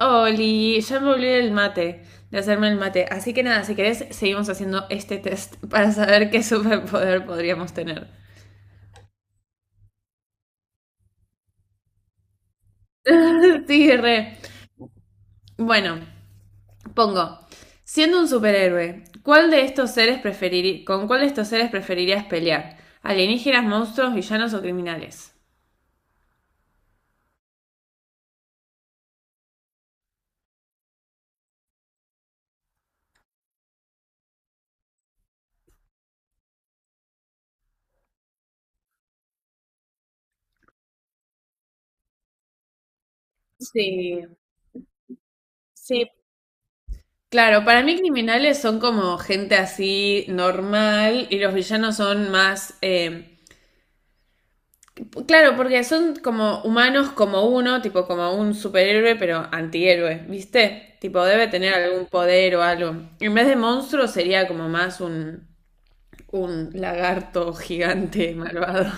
Oli, ya me olvidé el mate, de hacerme el mate. Así que nada, si querés, seguimos haciendo este test para saber qué superpoder podríamos tener. Sí, re. Bueno, pongo. Siendo un superhéroe, ¿cuál de estos seres preferiri- ¿Con cuál de estos seres preferirías pelear? ¿Alienígenas, monstruos, villanos o criminales? Sí, sí. Claro, para mí criminales son como gente así normal y los villanos son más. Claro, porque son como humanos como uno, tipo como un superhéroe, pero antihéroe, ¿viste? Tipo, debe tener algún poder o algo. En vez de monstruo sería como más un lagarto gigante malvado.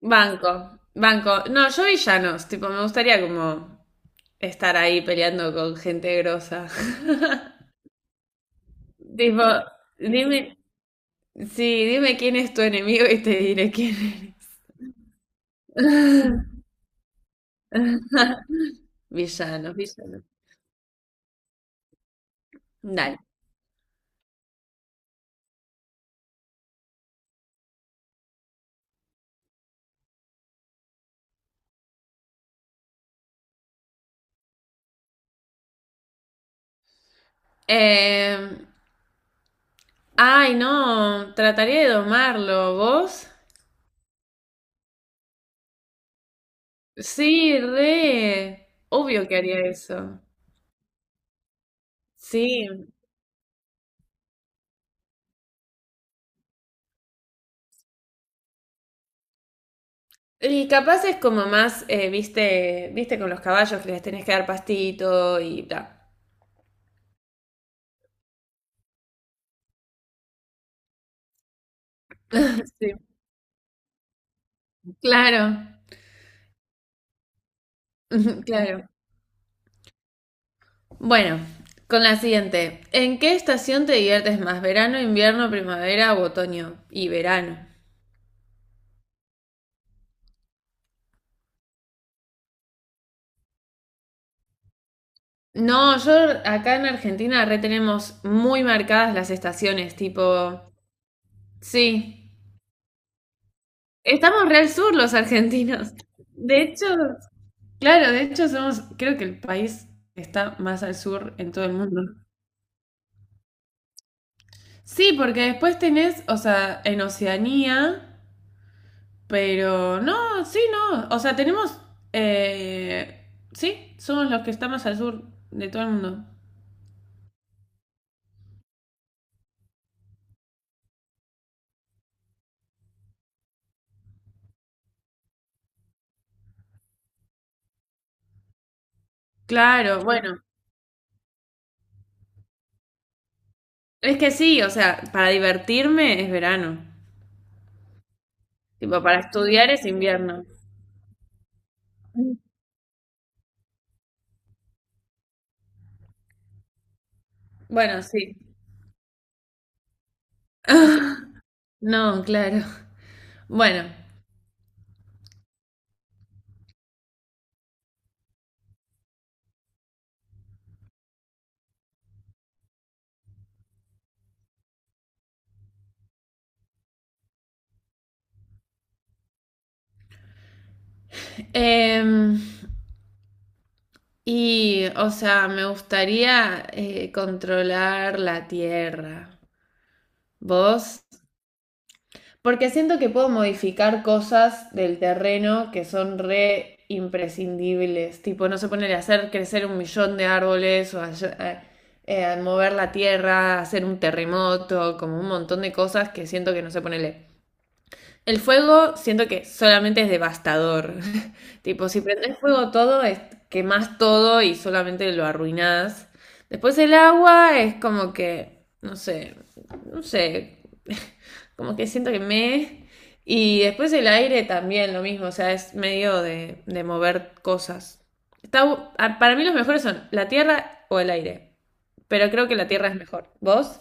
Banco, banco. No, yo villanos, tipo, me gustaría como estar ahí peleando con gente grosa. Tipo, dime, sí, dime quién es tu enemigo y te diré quién eres. Villanos, villanos. Dale. Eh, ay, no, trataría de domarlo. ¿Vos? Sí, re. Obvio que haría eso. Sí. Y capaz es como más, viste con los caballos que les tenés que dar pastito y bla. Sí. Claro, claro. Bueno, con la siguiente. ¿En qué estación te diviertes más? ¿Verano, invierno, primavera o otoño? Y verano. No, yo acá en Argentina re tenemos muy marcadas las estaciones, tipo. Sí, estamos re al sur los argentinos. De hecho, claro, de hecho somos, creo que el país que está más al sur en todo el mundo. Sí, porque después tenés, o sea, en Oceanía, pero no, sí, no, o sea, tenemos, sí, somos los que estamos al sur de todo el mundo. Claro, bueno, es que sí, o sea, para divertirme es verano, tipo, para estudiar es invierno. Bueno, sí. No, claro. Bueno, em, y o sea, me gustaría controlar la tierra. ¿Vos? Porque siento que puedo modificar cosas del terreno que son re imprescindibles. Tipo, no se poner a hacer crecer un millón de árboles o a- a mover la tierra, hacer un terremoto, como un montón de cosas que siento que no se ponele. El fuego siento que solamente es devastador. Tipo, si prendés fuego todo, quemás todo y solamente lo arruinás. Después el agua es como que, no sé, no sé, como que siento que me... Y después el aire también lo mismo, o sea, es medio de mover cosas. Para mí los mejores son la tierra o el aire, pero creo que la tierra es mejor. ¿Vos?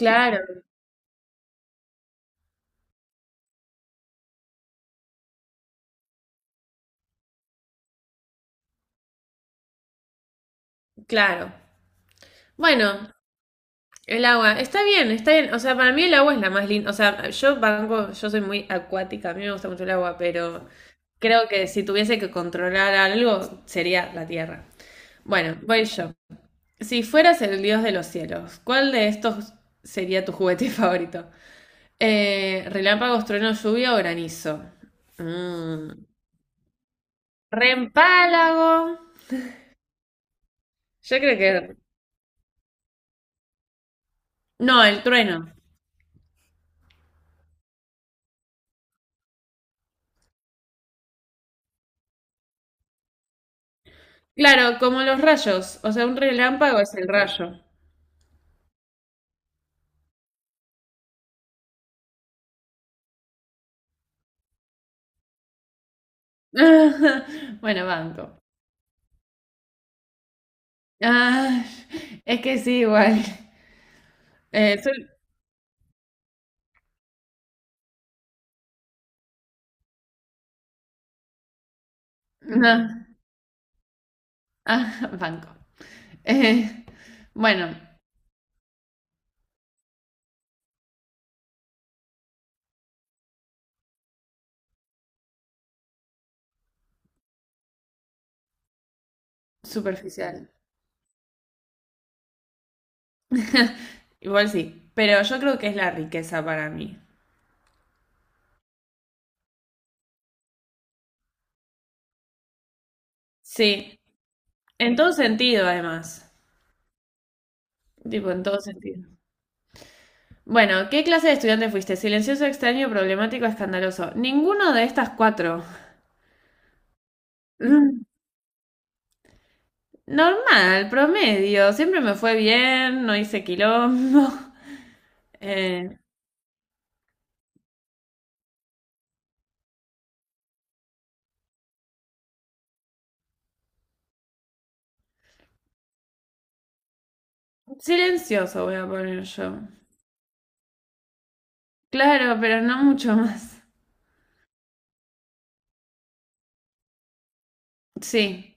Claro, claro. Bueno, el agua, está bien, está bien. O sea, para mí el agua es la más linda. O sea, yo banco, yo soy muy acuática, a mí me gusta mucho el agua, pero creo que si tuviese que controlar algo, sería la tierra. Bueno, voy yo. Si fueras el dios de los cielos, ¿cuál de estos sería tu juguete favorito? Relámpagos, trueno, lluvia o granizo. Mm. Reempálago. Yo creo que... No, el trueno. Claro, como los rayos. O sea, un relámpago es el rayo. Ajá. Bueno, banco. Ah, es que sí, igual. Eh, sol- no. Ah, banco. Eh, bueno, superficial. Igual sí, pero yo creo que es la riqueza para mí. Sí, en todo sentido, además. Tipo, en todo sentido. Bueno, ¿qué clase de estudiante fuiste? Silencioso, extraño, problemático, escandaloso. Ninguno de estas cuatro. Mm, Normal, promedio. Siempre me fue bien, no hice quilombo. Silencioso voy a poner yo. Claro, pero no mucho más. Sí.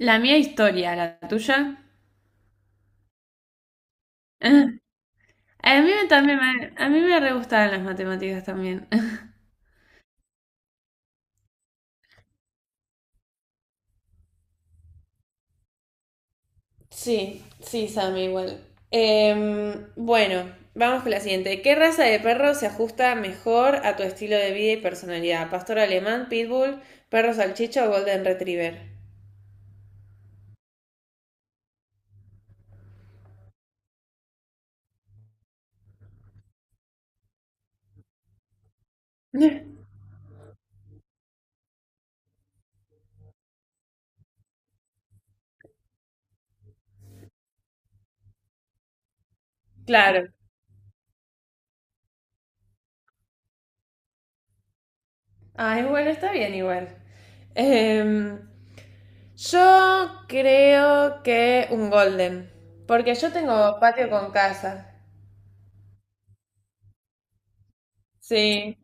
La mía historia, la tuya. Ah, a mí me re gustaban las matemáticas también. Sí, sí, Sammy, igual. Bueno, vamos con la siguiente. ¿Qué raza de perro se ajusta mejor a tu estilo de vida y personalidad? ¿Pastor alemán, pitbull, perro salchicha o golden retriever? Claro. Ay, bueno, está bien igual. Em, yo creo que un golden, porque yo tengo patio con casa. Sí,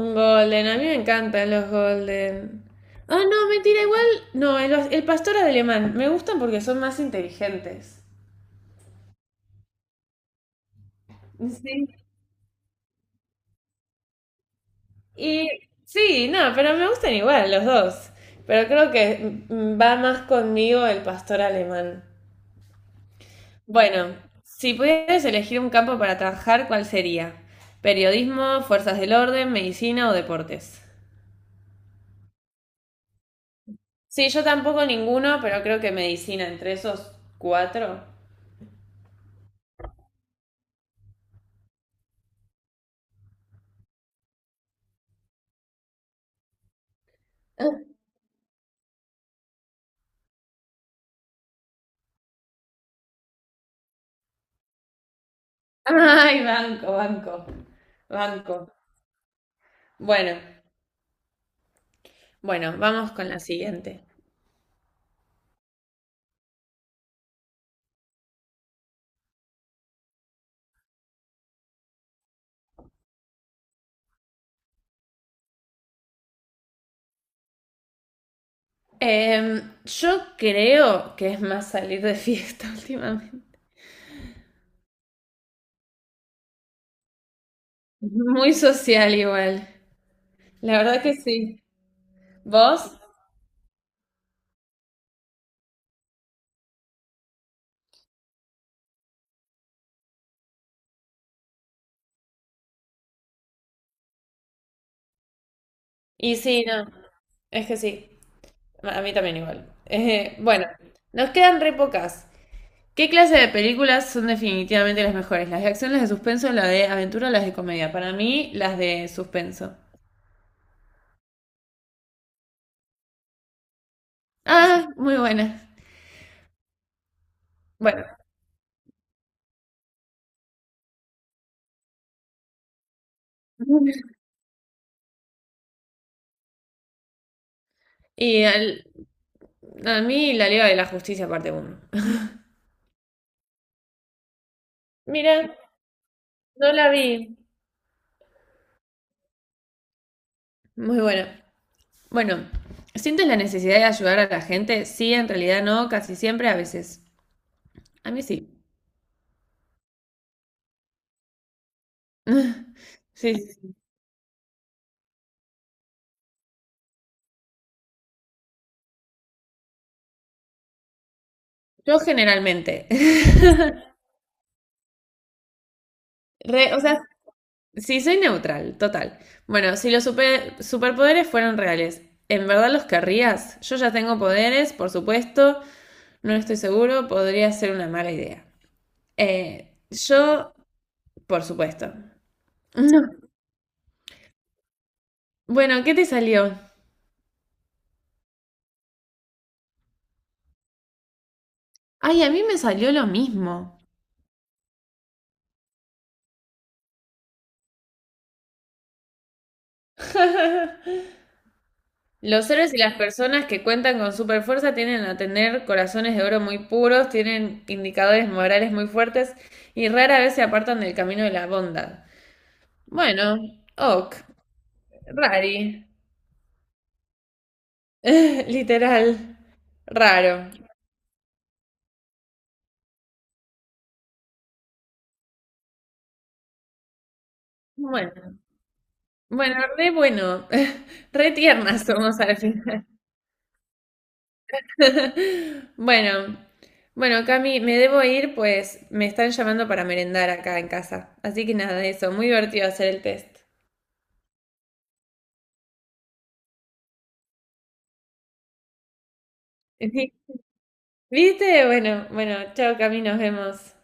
un golden. A mí me encantan los golden. Ah, no, mentira, igual. No, el pastor alemán. Me gustan porque son más inteligentes. Sí. Y sí, no, pero me gustan igual los dos. Pero creo que va más conmigo el pastor alemán. Bueno, si pudieras elegir un campo para trabajar, ¿cuál sería? ¿Periodismo, fuerzas del orden, medicina o deportes? Sí, yo tampoco ninguno, pero creo que medicina entre esos cuatro. Ay, banco, banco, banco. Bueno, bueno, vamos con la siguiente. Yo creo que es más salir de fiesta últimamente. Muy social igual. La verdad que sí. ¿Vos? Y sí, no. Es que sí. A mí también igual. Bueno, nos quedan re pocas. ¿Qué clase de películas son definitivamente las mejores? ¿Las de acción, las de suspenso, las de aventura o las de comedia? Para mí, las de suspenso. Ah, muy buenas. Bueno, y al- a mí La Liga de la Justicia parte uno. Mira, no la vi. Muy buena. Bueno, ¿sientes la necesidad de ayudar a la gente? Sí, en realidad no, casi siempre, a veces. A mí sí. Sí, sí, sí. Yo generalmente. O sea, sí, soy neutral, total. Bueno, si los superpoderes fueran reales, ¿en verdad los querrías? Yo ya tengo poderes, por supuesto, no estoy seguro, podría ser una mala idea. Yo, por supuesto. No. Bueno, ¿qué te salió? Ay, a mí me salió lo mismo. Los héroes y las personas que cuentan con superfuerza tienden a tener corazones de oro muy puros, tienen indicadores morales muy fuertes y rara vez se apartan del camino de la bondad. Bueno, ok. Rari. Literal. Raro. Bueno, bueno, re bueno. Re tiernas somos al final. Bueno, bueno, Cami, me debo ir, pues me están llamando para merendar acá en casa. Así que nada, eso, muy divertido hacer el test. ¿Viste? Bueno, bueno, chao, Cami, nos vemos.